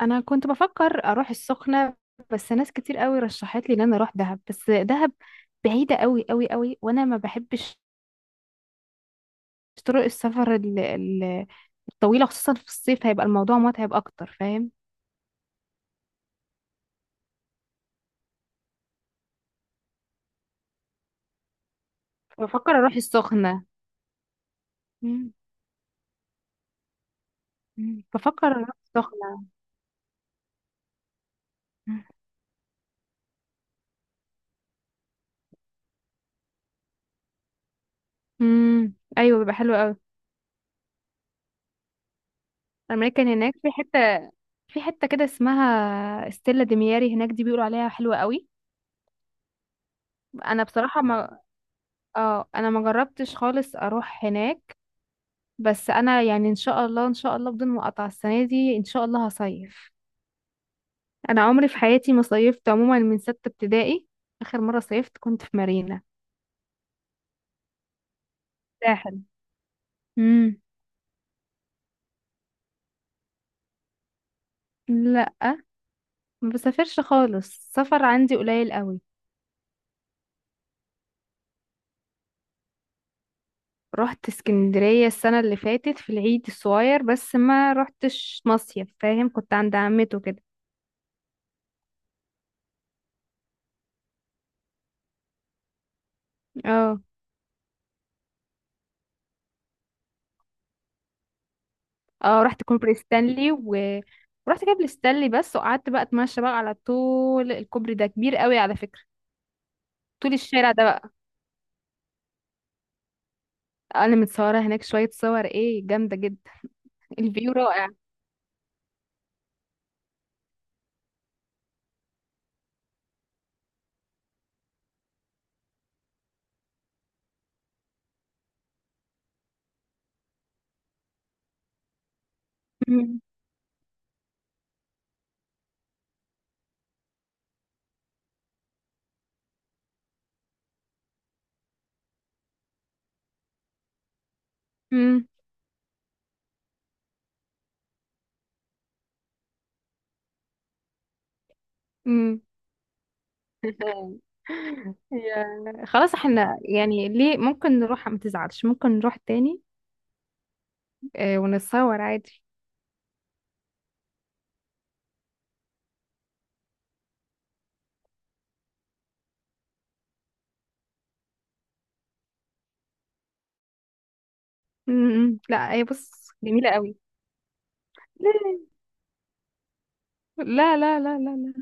انا كنت بفكر اروح السخنه. بس ناس كتير قوي رشحت لي ان انا اروح دهب. بس دهب بعيده قوي قوي قوي، وانا ما بحبش طرق السفر الطويله، خصوصا في الصيف هيبقى الموضوع متعب اكتر، فاهم؟ بفكر اروح السخنه. مم. مم. بفكر اروح السخنه. امم، ايوه بيبقى حلو قوي. انا كان هناك في حته، كده اسمها ستيلا دمياري، هناك دي بيقولوا عليها حلوه قوي. انا بصراحه ما... اه، انا ما جربتش خالص اروح هناك. بس انا يعني ان شاء الله ان شاء الله بدون مقاطعة السنة دي ان شاء الله هصيف. انا عمري في حياتي ما صيفت عموما من 6 ابتدائي، اخر مرة صيفت كنت في مارينا ساحل. امم. لا، ما بسافرش خالص، السفر عندي قليل قوي. رحت اسكندرية السنة اللي فاتت في العيد الصغير، بس ما رحتش مصيف، فاهم؟ كنت عند عمته كده. اه. اه رحت كوبري ستانلي بس، وقعدت بقى اتمشى بقى على طول. الكوبري ده كبير قوي على فكرة، طول الشارع ده. انا متصوره هناك شويه صور، ايه جامده جدا. الفيو رائع. مم. مم. مم. خلاص، احنا يعني ليه، ممكن نروح ما تزعلش ممكن نروح تاني. آه، ونتصور عادي. مم. لا هي بص، جميله قوي. لا لا لا لا. لا.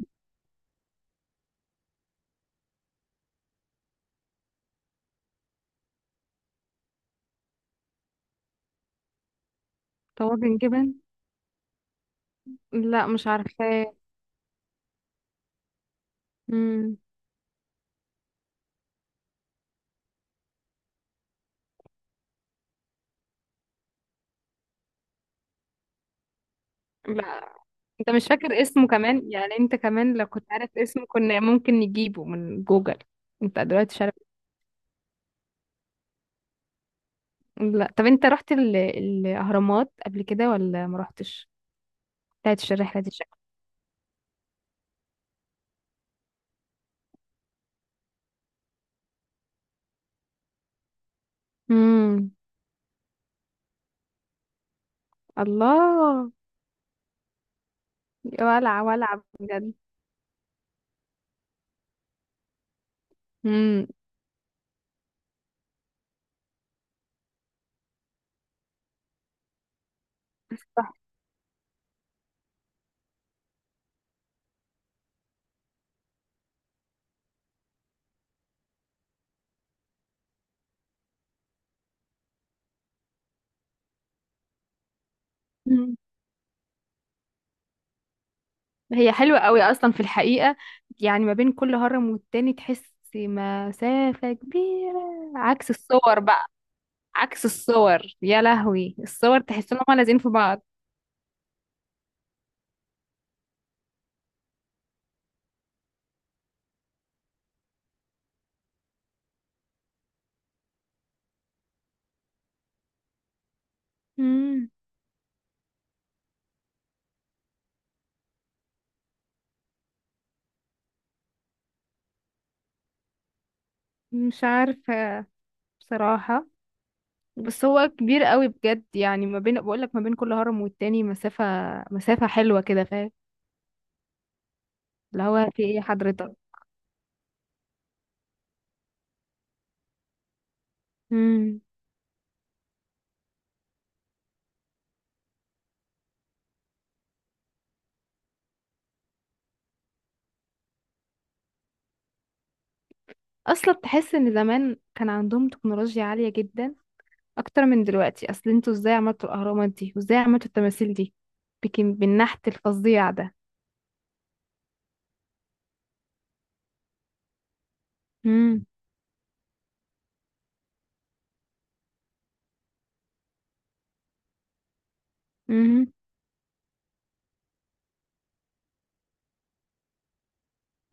طواجن جبن؟ لا مش عارفاه. مم. لا، انت مش فاكر اسمه كمان؟ يعني انت كمان لو كنت عارف اسمه كنا ممكن نجيبه من جوجل. انت دلوقتي... لا طب انت رحت الاهرامات قبل كده ولا ما رحتش؟ بتاعت الرحله دي شكل. امم. الله. ولع ولع بجد. امم. مم. هي حلوة قوي أصلا في الحقيقة، يعني ما بين كل هرم والتاني تحس مسافة كبيرة. عكس الصور بقى، عكس الصور يا لهوي. الصور تحس إنهم لازقين في بعض. مم. مش عارفة بصراحة، بس هو كبير قوي بجد. يعني ما بين، بقول لك ما بين كل هرم والتاني مسافة مسافة حلوة كده، فاهم؟ اللي هو في ايه حضرتك. امم. اصلا تحس ان زمان كان عندهم تكنولوجيا عالية جدا اكتر من دلوقتي. اصل انتوا ازاي عملتوا الاهرامات دي، وازاي عملتوا التماثيل دي بكم، بالنحت الفظيع ده. امم. امم.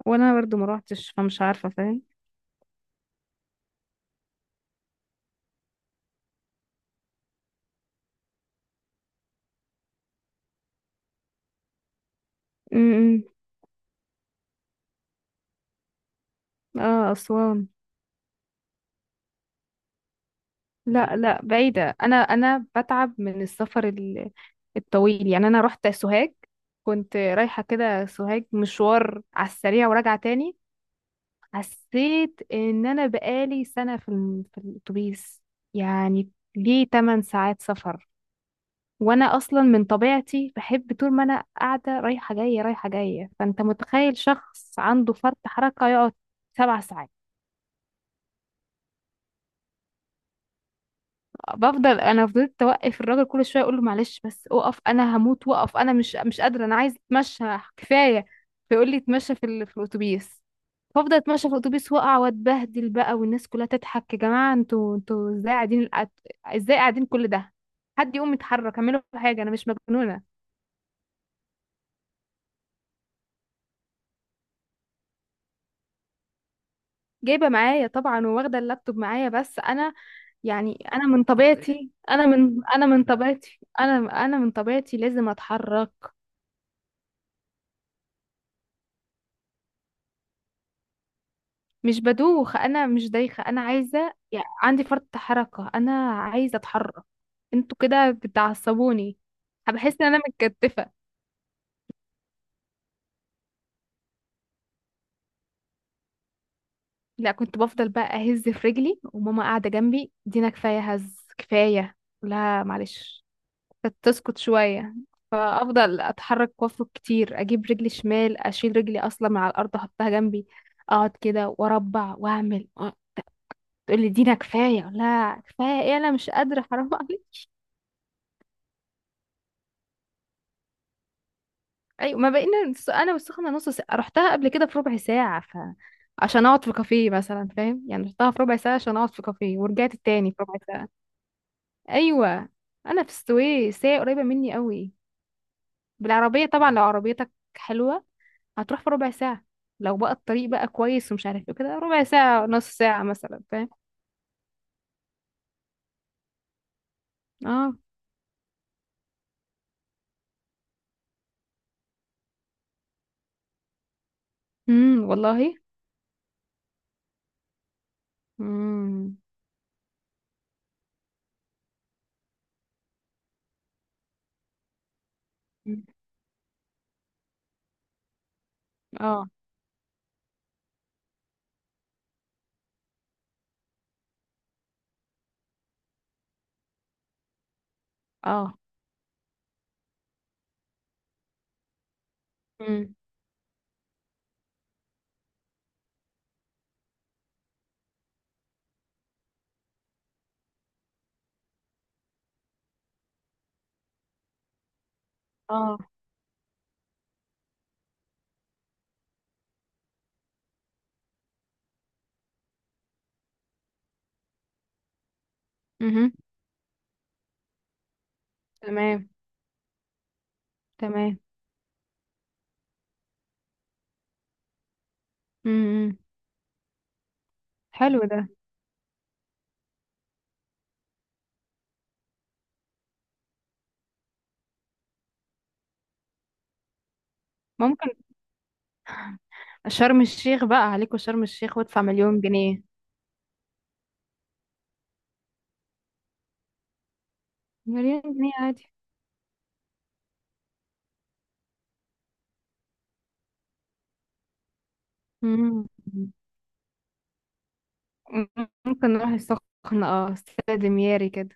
وانا برضو ما روحتش، فمش عارفة، فاهم؟ امم. اه، اسوان. لا لا بعيدة. أنا بتعب من السفر الطويل. يعني أنا رحت سوهاج، كنت رايحة كده سوهاج مشوار على السريع وراجعة تاني. حسيت إن أنا بقالي سنة في في الأتوبيس، يعني ليه 8 ساعات سفر. وأنا أصلا من طبيعتي بحب طول ما أنا قاعدة رايحة جاية رايحة جاية، فأنت متخيل شخص عنده فرط حركة يقعد 7 ساعات؟ انا فضلت اوقف الراجل كل شويه اقول له معلش بس اقف، انا هموت، وقف انا مش قادره، انا عايز اتمشى كفايه. فيقول لي اتمشى في في الاتوبيس. فافضل اتمشى في الاتوبيس واقع واتبهدل بقى، والناس كلها تضحك. يا جماعه انتوا ازاي قاعدين ازاي قاعدين كل ده؟ حد يقوم يتحرك، اعملوا حاجه انا مش مجنونه. جايبه معايا طبعا، وواخده اللابتوب معايا، بس انا... يعني انا من طبيعتي، انا من طبيعتي لازم اتحرك. مش بدوخ، انا مش دايخه، انا عايزه، يعني عندي فرط حركه، انا عايزه اتحرك. انتوا كده بتعصبوني، بحس ان انا متكتفه. لا، كنت بفضل بقى اهز في رجلي، وماما قاعده جنبي: دينا كفايه هز، كفايه. لا معلش، كانت تسكت شويه. فافضل اتحرك وافرك كتير، اجيب رجلي شمال، اشيل رجلي اصلا من على الارض احطها جنبي، اقعد كده واربع واعمل. تقول لي دينا كفايه، لا كفايه ايه، انا مش قادره حرام عليك. ايوه، ما بقينا انا والسخنه نص ساعه، رحتها قبل كده في ربع ساعه، ف... عشان اقعد في كافيه مثلا، فاهم؟ يعني رحتها في ربع ساعه عشان اقعد في كافيه ورجعت التاني في ربع ساعه. ايوه. انا في السويس هي قريبه مني قوي. بالعربيه طبعا لو عربيتك حلوه هتروح في ربع ساعه، لو بقى الطريق بقى كويس ومش عارف ايه كده، ربع ساعه نص ساعه مثلا، فاهم؟ اه. والله. امم. اه. اه. امم. اه. امم. تمام. تمام. امم. حلو ده. ممكن. شرم الشيخ بقى عليكوا، شرم الشيخ وادفع مليون جنيه. مليون جنيه عادي. مم. ممكن نروح السخنة اه، استاد مياري كده.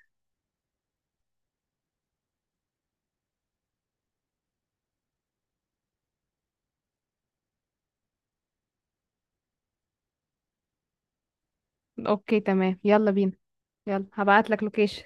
اوكي تمام، يلا بينا. يلا هبعتلك لوكيشن.